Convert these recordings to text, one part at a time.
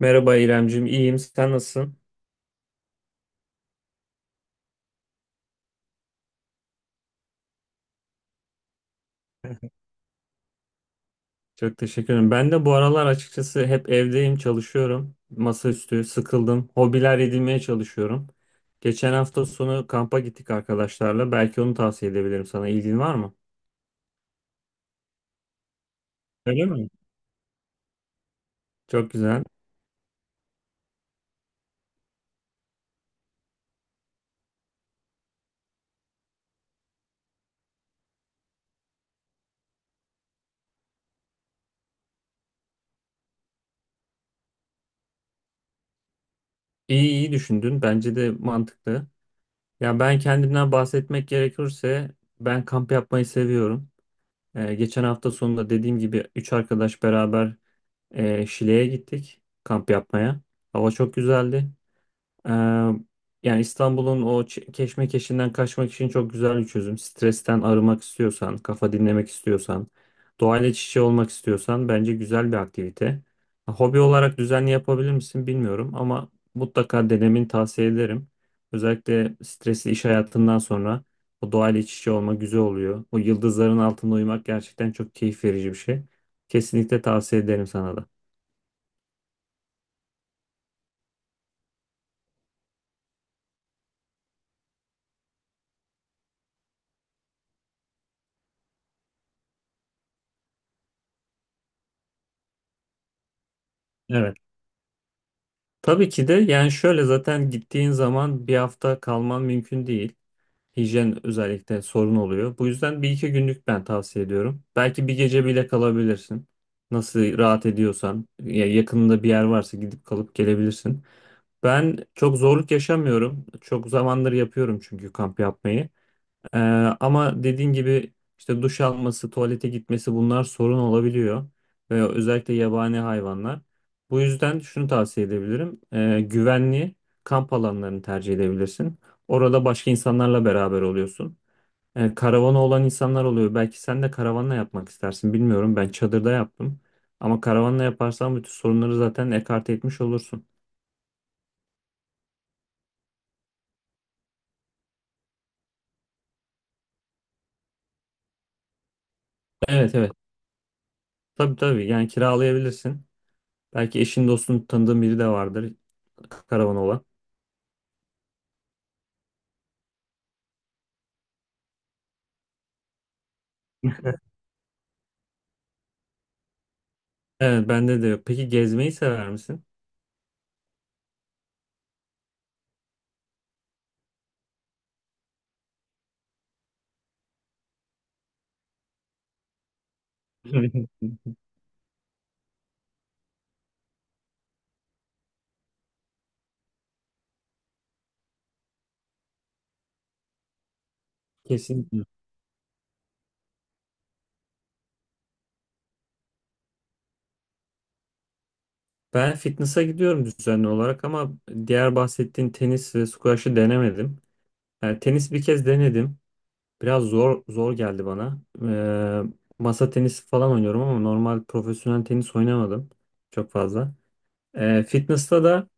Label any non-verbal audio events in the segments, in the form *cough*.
Merhaba İremcim, iyiyim. Sen nasılsın? *laughs* Çok teşekkür ederim. Ben de bu aralar açıkçası hep evdeyim, çalışıyorum. Masaüstü, sıkıldım. Hobiler edinmeye çalışıyorum. Geçen hafta sonu kampa gittik arkadaşlarla. Belki onu tavsiye edebilirim sana. İlgin var mı? Öyle mi? Çok güzel. İyi iyi düşündün. Bence de mantıklı. Ya ben kendimden bahsetmek gerekirse ben kamp yapmayı seviyorum. Geçen hafta sonunda dediğim gibi üç arkadaş beraber Şile'ye gittik kamp yapmaya. Hava çok güzeldi. Ee, yani İstanbul'un o keşmekeşinden kaçmak için çok güzel bir çözüm. Stresten arınmak istiyorsan, kafa dinlemek istiyorsan, doğayla iç içe olmak istiyorsan bence güzel bir aktivite. Hobi olarak düzenli yapabilir misin bilmiyorum ama mutlaka denemeni tavsiye ederim. Özellikle stresli iş hayatından sonra o doğayla iç içe olma güzel oluyor. O yıldızların altında uyumak gerçekten çok keyif verici bir şey. Kesinlikle tavsiye ederim sana da. Evet. Tabii ki de yani şöyle zaten gittiğin zaman bir hafta kalman mümkün değil. Hijyen özellikle sorun oluyor. Bu yüzden bir iki günlük ben tavsiye ediyorum. Belki bir gece bile kalabilirsin. Nasıl rahat ediyorsan ya yakınında bir yer varsa gidip kalıp gelebilirsin. Ben çok zorluk yaşamıyorum. Çok zamandır yapıyorum çünkü kamp yapmayı. Ee, ama dediğin gibi işte duş alması, tuvalete gitmesi bunlar sorun olabiliyor. Ve özellikle yabani hayvanlar. Bu yüzden şunu tavsiye edebilirim. Güvenli kamp alanlarını tercih edebilirsin. Orada başka insanlarla beraber oluyorsun. Karavana olan insanlar oluyor. Belki sen de karavanla yapmak istersin. Bilmiyorum. Ben çadırda yaptım. Ama karavanla yaparsan bütün sorunları zaten ekarte etmiş olursun. Evet evet. Tabii tabii. Yani kiralayabilirsin. Belki eşin dostun tanıdığın biri de vardır karavan olan. Evet bende de yok. Peki gezmeyi sever misin? *laughs* Kesinlikle. Ben fitness'a gidiyorum düzenli olarak ama diğer bahsettiğin tenis ve squash'ı denemedim. Yani tenis bir kez denedim. Biraz zor zor geldi bana. Masa tenisi falan oynuyorum ama normal profesyonel tenis oynamadım çok fazla. Fitness'ta da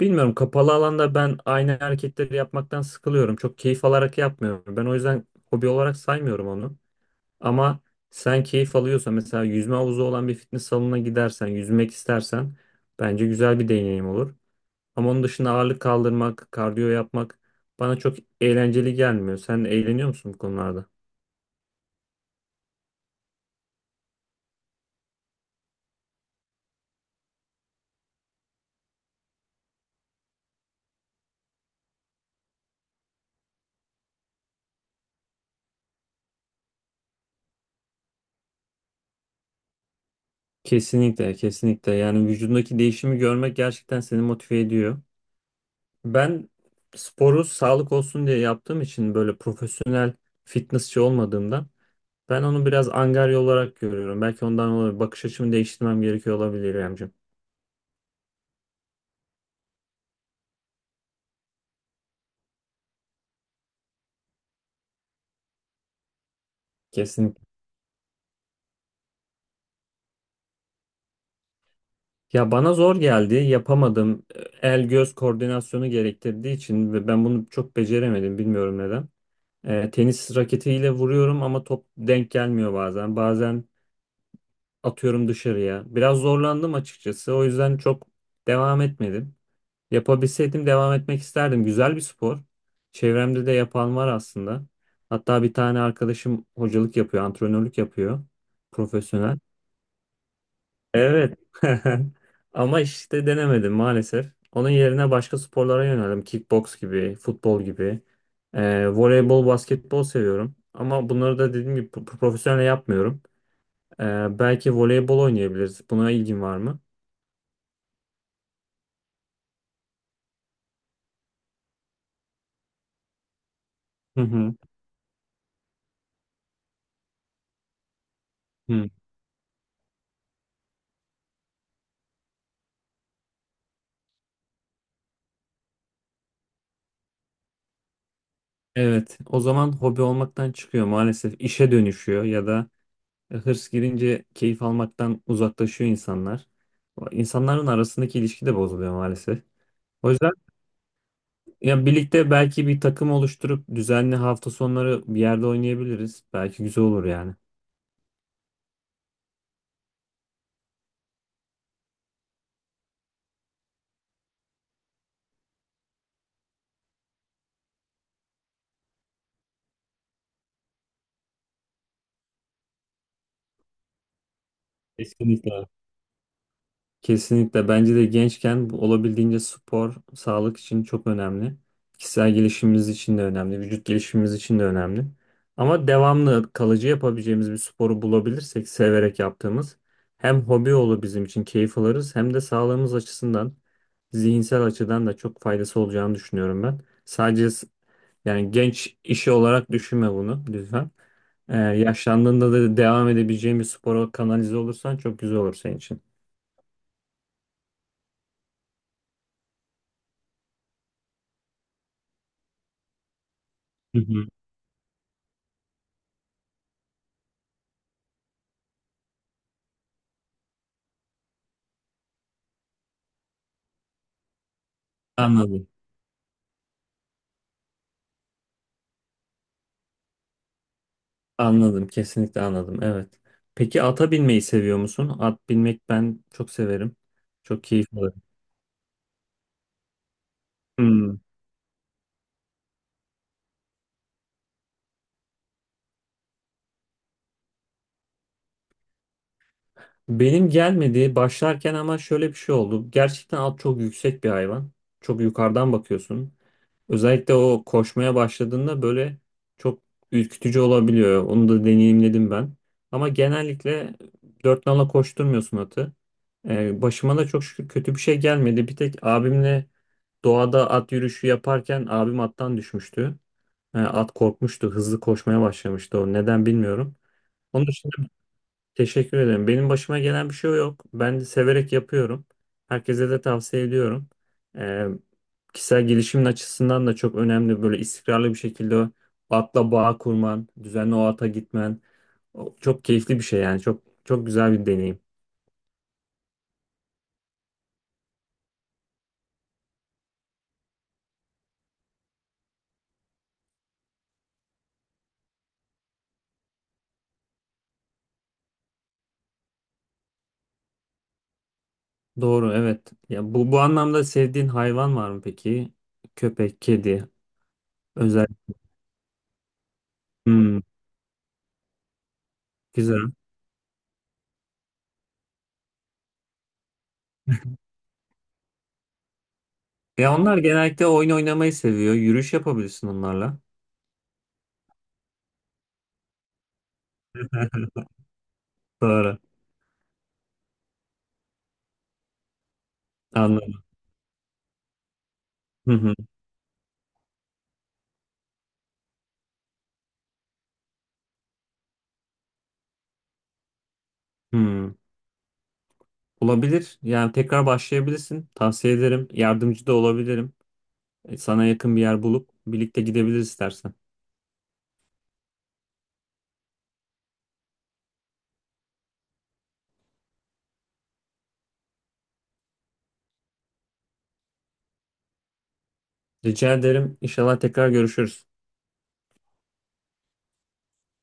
bilmiyorum kapalı alanda ben aynı hareketleri yapmaktan sıkılıyorum. Çok keyif alarak yapmıyorum. Ben o yüzden hobi olarak saymıyorum onu. Ama sen keyif alıyorsan mesela yüzme havuzu olan bir fitness salonuna gidersen, yüzmek istersen bence güzel bir deneyim olur. Ama onun dışında ağırlık kaldırmak, kardiyo yapmak bana çok eğlenceli gelmiyor. Sen eğleniyor musun bu konularda? Kesinlikle, kesinlikle. Yani vücudundaki değişimi görmek gerçekten seni motive ediyor. Ben sporu sağlık olsun diye yaptığım için böyle profesyonel fitnessçi olmadığımdan ben onu biraz angarya olarak görüyorum. Belki ondan olabilir. Bakış açımı değiştirmem gerekiyor olabilir Emcim. Kesinlikle. Ya bana zor geldi, yapamadım. El göz koordinasyonu gerektirdiği için ve ben bunu çok beceremedim, bilmiyorum neden. Tenis raketiyle vuruyorum ama top denk gelmiyor bazen. Bazen atıyorum dışarıya. Biraz zorlandım açıkçası. O yüzden çok devam etmedim. Yapabilseydim devam etmek isterdim. Güzel bir spor. Çevremde de yapan var aslında. Hatta bir tane arkadaşım hocalık yapıyor, antrenörlük yapıyor, profesyonel. Evet. *laughs* Ama işte denemedim maalesef. Onun yerine başka sporlara yöneldim. Kickbox gibi, futbol gibi. Voleybol, basketbol seviyorum. Ama bunları da dediğim gibi profesyonel yapmıyorum. Belki voleybol oynayabiliriz. Buna ilgin var mı? Hı hı. Hı. Evet, o zaman hobi olmaktan çıkıyor maalesef. İşe dönüşüyor ya da hırs girince keyif almaktan uzaklaşıyor insanlar. İnsanların arasındaki ilişki de bozuluyor maalesef. O yüzden Ya birlikte belki bir takım oluşturup düzenli hafta sonları bir yerde oynayabiliriz. Belki güzel olur yani. Kesinlikle. Kesinlikle bence de gençken bu olabildiğince spor sağlık için çok önemli. Kişisel gelişimimiz için de önemli, vücut gelişimimiz için de önemli. Ama devamlı kalıcı yapabileceğimiz bir sporu bulabilirsek severek yaptığımız hem hobi olur bizim için keyif alırız hem de sağlığımız açısından zihinsel açıdan da çok faydası olacağını düşünüyorum ben. Yani genç işi olarak düşünme bunu lütfen. Yaşlandığında da devam edebileceğin bir spora kanalize olursan çok güzel olur senin için. Hı. Hı. Anladım. Anladım. Kesinlikle anladım. Evet. Peki ata binmeyi seviyor musun? At binmek ben çok severim. Çok keyif alırım. Hmm. Benim gelmedi başlarken ama şöyle bir şey oldu. Gerçekten at çok yüksek bir hayvan. Çok yukarıdan bakıyorsun. Özellikle o koşmaya başladığında böyle çok ürkütücü olabiliyor. Onu da deneyimledim ben. Ama genellikle dört nala koşturmuyorsun atı. Başıma da çok şükür kötü bir şey gelmedi. Bir tek abimle doğada at yürüyüşü yaparken abim attan düşmüştü. At korkmuştu, hızlı koşmaya başlamıştı o. Neden bilmiyorum. Onun Teşekkür ederim. Benim başıma gelen bir şey yok. Ben de severek yapıyorum. Herkese de tavsiye ediyorum. Ee, kişisel gelişimin açısından da çok önemli. Böyle istikrarlı bir şekilde o atla bağ kurman, düzenli o ata gitmen. O çok keyifli bir şey yani. Çok çok güzel bir deneyim. Doğru, evet. Ya bu anlamda sevdiğin hayvan var mı peki? Köpek, kedi, özel. Hmm, güzel. Ya onlar genellikle oyun oynamayı seviyor. Yürüyüş yapabilirsin onlarla. *laughs* Doğru. Anladım. Hı hı. Hmm. Olabilir. Yani tekrar başlayabilirsin. Tavsiye ederim. Yardımcı da olabilirim. Sana yakın bir yer bulup birlikte gidebiliriz istersen. Rica ederim. İnşallah tekrar görüşürüz.